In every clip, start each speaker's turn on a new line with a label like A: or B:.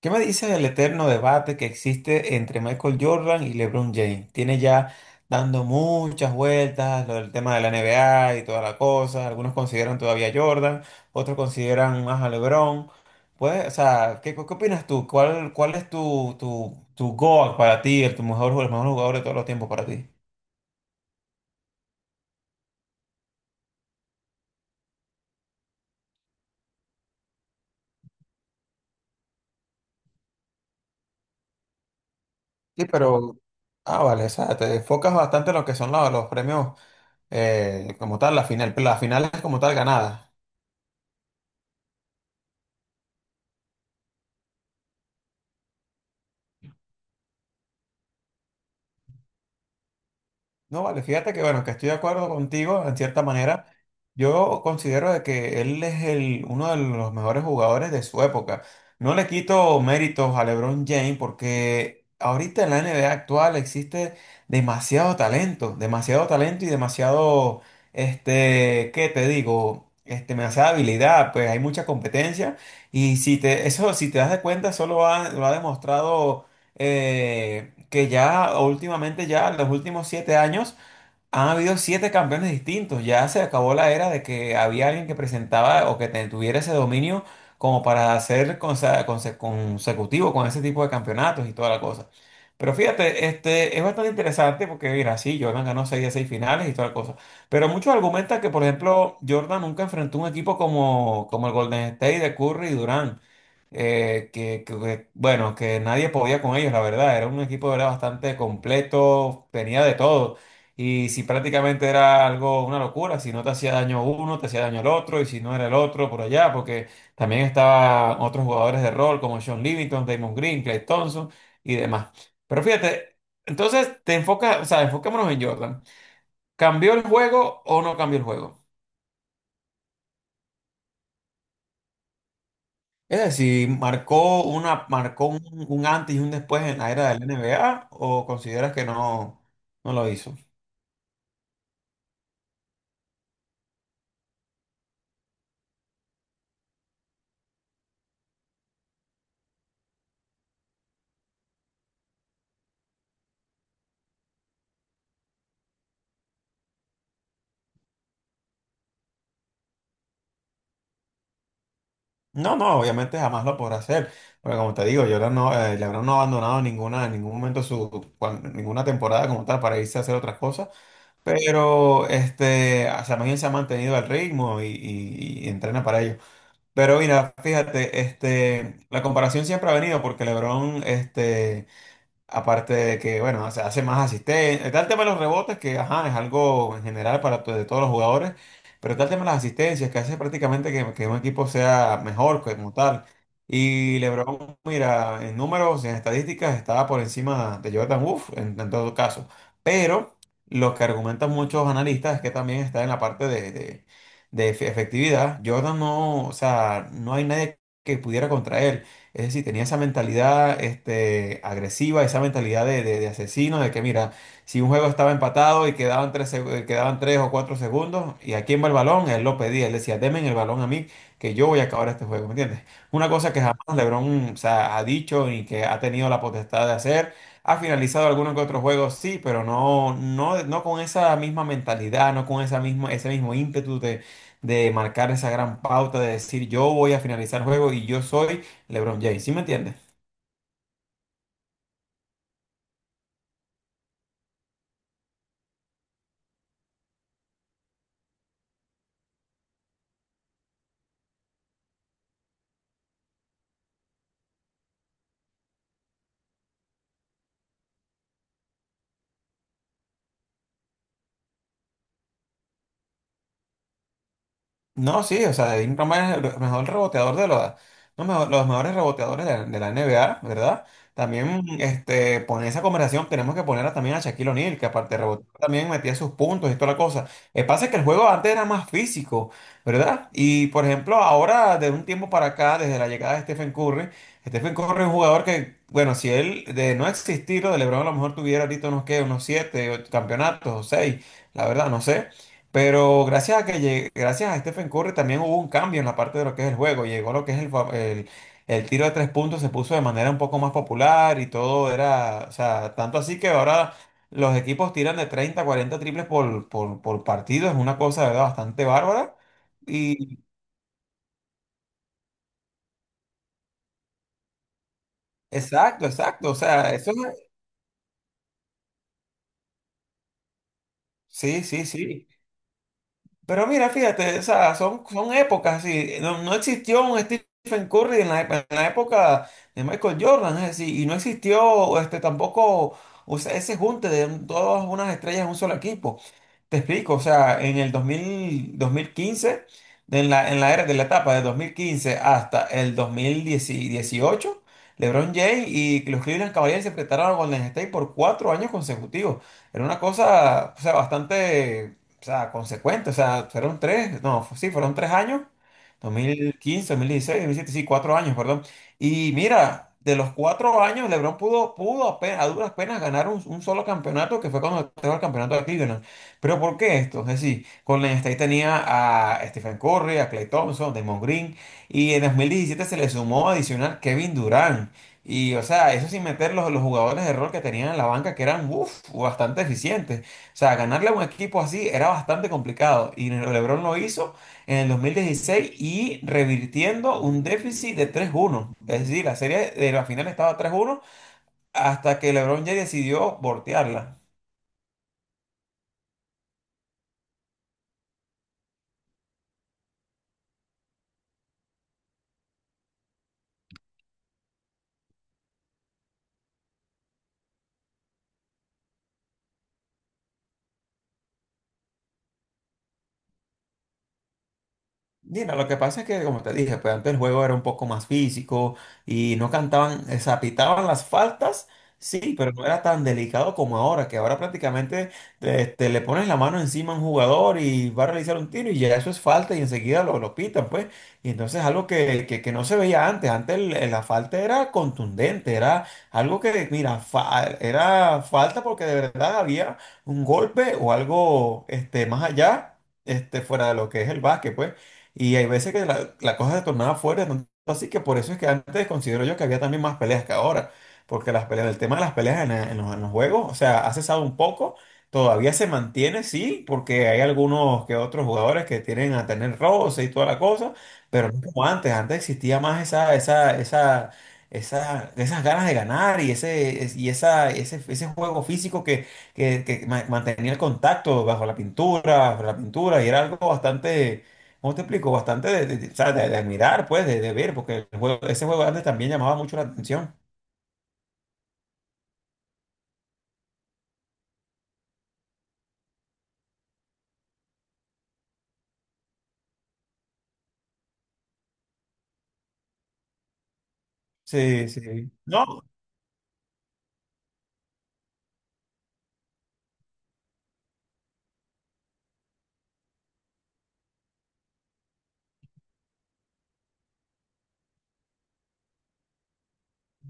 A: ¿Qué me dice del eterno debate que existe entre Michael Jordan y LeBron James? Tiene ya dando muchas vueltas lo del tema de la NBA y toda la cosa. Algunos consideran todavía a Jordan, otros consideran más a LeBron. Pues, o sea, ¿qué opinas tú? ¿Cuál, cuál es tu GOAT para ti, el, tu mejor, el mejor jugador de todos los tiempos para ti? Sí, pero, ah, vale, o sea, te enfocas bastante en lo que son los premios, como tal, la final, las finales como tal ganadas. No, vale, fíjate que bueno, que estoy de acuerdo contigo en cierta manera. Yo considero de que él es el, uno de los mejores jugadores de su época. No le quito méritos a LeBron James porque ahorita en la NBA actual existe demasiado talento y demasiado, este, ¿qué te digo? Este, demasiada habilidad, pues hay mucha competencia y si te, eso, si te das de cuenta, solo lo ha demostrado, que ya últimamente, ya en los últimos 7 años, han habido siete campeones distintos. Ya se acabó la era de que había alguien que presentaba o que tuviera ese dominio como para ser consecutivo con ese tipo de campeonatos y toda la cosa. Pero fíjate, este, es bastante interesante porque, mira, sí, Jordan ganó seis de seis finales y toda la cosa. Pero muchos argumentan que, por ejemplo, Jordan nunca enfrentó un equipo como el Golden State de Curry y Durant, bueno, que nadie podía con ellos, la verdad. Era un equipo era bastante completo, tenía de todo. Y si prácticamente era algo, una locura, si no te hacía daño uno, te hacía daño el otro, y si no era el otro, por allá, porque también estaban otros jugadores de rol como Sean Livingston, Damon Green, Clay Thompson y demás. Pero fíjate, entonces te enfocas, o sea, enfocémonos en Jordan. ¿Cambió el juego o no cambió el juego? Es decir, ¿marcó una, marcó un antes y un después en la era del NBA o consideras que no, no lo hizo? No, no, obviamente jamás lo podrá hacer. Porque como te digo, Jordan no, LeBron no ha abandonado ninguna, en ningún momento ninguna temporada como tal para irse a hacer otras cosas. Pero este, o sea, más bien se ha mantenido al ritmo y entrena para ello. Pero mira, fíjate, este, la comparación siempre ha venido porque LeBron, este. Aparte de que, bueno, se hace más asistencia. Está el tema de los rebotes, que ajá, es algo en general para de todos los jugadores, pero está el tema de las asistencias, que hace prácticamente que un equipo sea mejor como tal. Y LeBron, mira, en números, en estadísticas, estaba por encima de Jordan Wolf en todo caso. Pero lo que argumentan muchos analistas es que también está en la parte de efectividad. Jordan no, o sea, no hay nadie que pudiera contra él. Es decir, tenía esa mentalidad este, agresiva, esa mentalidad de asesino, de que mira, si un juego estaba empatado y quedaban 3 o 4 segundos, y a quién va el balón, él lo pedía, él decía, deme el balón a mí, que yo voy a acabar este juego, ¿me entiendes? Una cosa que jamás LeBron, o sea, ha dicho y que ha tenido la potestad de hacer. Ha finalizado algunos que otros juegos, sí, pero no, no, no con esa misma mentalidad, no con esa misma, ese mismo ímpetu de marcar esa gran pauta, de decir yo voy a finalizar el juego y yo soy LeBron James, ¿sí me entiendes? No, sí, o sea, Devin Roma es el mejor reboteador de los, no, los mejores reboteadores de la NBA, ¿verdad? También, este, poner esa conversación, tenemos que poner también a Shaquille O'Neal, que aparte de rebotear, también metía sus puntos y toda la cosa. El pasa es que el juego antes era más físico, ¿verdad? Y, por ejemplo, ahora, de un tiempo para acá, desde la llegada de Stephen Curry, Stephen Curry es un jugador que, bueno, si él de no existir, lo de LeBron a lo mejor tuviera ahorita unos, ¿qué? Unos siete ocho campeonatos o seis, la verdad, no sé. Pero gracias a Stephen Curry también hubo un cambio en la parte de lo que es el juego. Llegó lo que es el tiro de 3 puntos, se puso de manera un poco más popular y todo era, o sea, tanto así que ahora los equipos tiran de 30 40 triples por partido. Es una cosa de verdad bastante bárbara. Y exacto, exacto, o sea, sí, sí, sí. Pero mira, fíjate, o sea, son, son épocas así. No, no existió un Stephen Curry en en la época de Michael Jordan, es decir, y no existió este, tampoco o sea, ese junte de todas unas estrellas en un solo equipo. Te explico, o sea, en el 2000, 2015, en la era de la etapa de 2015 hasta el 2018, LeBron James y los Cleveland Cavaliers se enfrentaron a Golden State por 4 años consecutivos. Era una cosa, o sea, bastante, o sea, consecuente, o sea, fueron tres, no, sí, fueron 3 años, 2015, 2016, 2017, sí, 4 años, perdón. Y mira, de los 4 años, LeBron pudo apenas, a duras penas ganar un solo campeonato, que fue cuando estaba el campeonato de Cleveland. Pero ¿por qué esto? Es decir, Golden State tenía a Stephen Curry, a Klay Thompson, Draymond Green, y en 2017 se le sumó adicional Kevin Durant. Y, o sea, eso sin meter los jugadores de rol que tenían en la banca, que eran, uf, bastante eficientes. O sea, ganarle a un equipo así era bastante complicado. Y LeBron lo hizo en el 2016 y revirtiendo un déficit de 3-1. Es decir, la serie de la final estaba 3-1 hasta que LeBron ya decidió voltearla. Mira, lo que pasa es que, como te dije, pues antes el juego era un poco más físico y no cantaban, zapitaban las faltas, sí, pero no era tan delicado como ahora, que ahora prácticamente te, te le pones la mano encima a un jugador y va a realizar un tiro y ya eso es falta y enseguida lo pitan, pues. Y entonces algo que no se veía antes, antes la falta era contundente, era algo que, mira, era falta porque de verdad había un golpe o algo este, más allá, este, fuera de lo que es el básquet, pues. Y hay veces que la cosa se tornaba fuerte, tanto así que por eso es que antes considero yo que había también más peleas que ahora, porque las peleas, el tema de las peleas en los juegos, o sea, ha cesado un poco, todavía se mantiene, sí, porque hay algunos que otros jugadores que tienen a tener roce y toda la cosa, pero no como antes, antes existía más esas ganas de ganar y ese, y esa, ese juego físico que, que mantenía el contacto bajo la pintura, y era algo bastante. ¿Cómo te explico? Bastante o sea, de admirar, pues, de ver, porque el ese juego antes también llamaba mucho la atención. Sí, sí. No,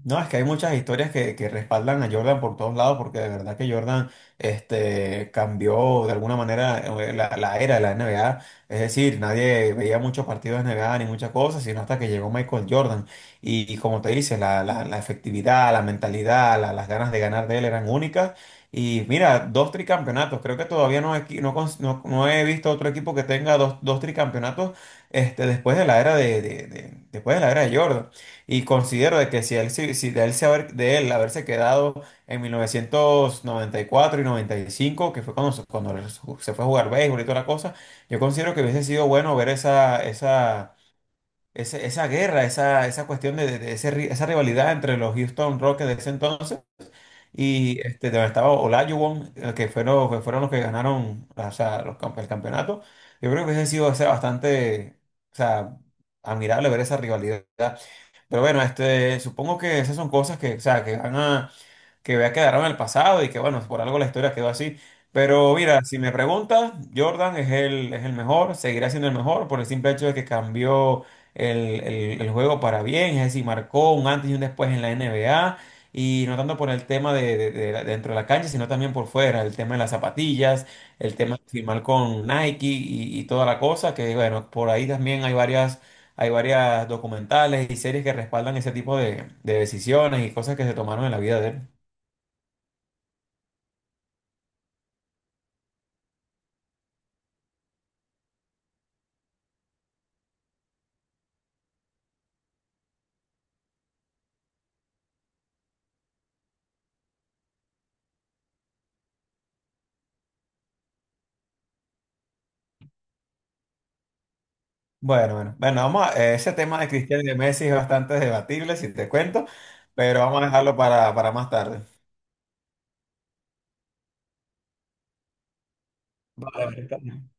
A: no, es que hay muchas historias que respaldan a Jordan por todos lados, porque de verdad que Jordan este, cambió de alguna manera, la era de la NBA. Es decir, nadie veía muchos partidos de NBA ni muchas cosas, sino hasta que llegó Michael Jordan. Y como te dice, la efectividad, la mentalidad, las ganas de ganar de él eran únicas. Y mira, dos tricampeonatos. Creo que todavía no, he qui- no, cons- no- no he visto otro equipo que tenga dos tricampeonatos este, después de la era después de la era de Jordan. Y considero de que si, él, si si de, él se haber- de él haberse quedado en 1994 y 95, que fue cuando él se fue a jugar béisbol y toda la cosa, yo considero que hubiese sido bueno ver esa guerra, esa cuestión esa rivalidad entre los Houston Rockets de ese entonces y este, donde estaba Olajuwon, que fueron los que ganaron o sea, el campeonato. Yo creo que hubiese sido o sea, bastante o sea, admirable ver esa rivalidad. Pero bueno, este, supongo que esas son cosas que, o sea, que ya quedaron en el pasado y que bueno, por algo la historia quedó así. Pero mira, si me preguntas, Jordan es el mejor, seguirá siendo el mejor por el simple hecho de que cambió el juego para bien, es decir, marcó un antes y un después en la NBA. Y no tanto por el tema dentro de la cancha, sino también por fuera, el tema de las zapatillas, el tema de firmar con Nike y toda la cosa, que bueno, por ahí también hay varias documentales y series que respaldan ese tipo de decisiones y cosas que se tomaron en la vida de él. Bueno, bueno, bueno, ese tema de Cristiano y de Messi es bastante debatible, si te cuento, pero vamos a dejarlo para más tarde. Vale, vale, está bien.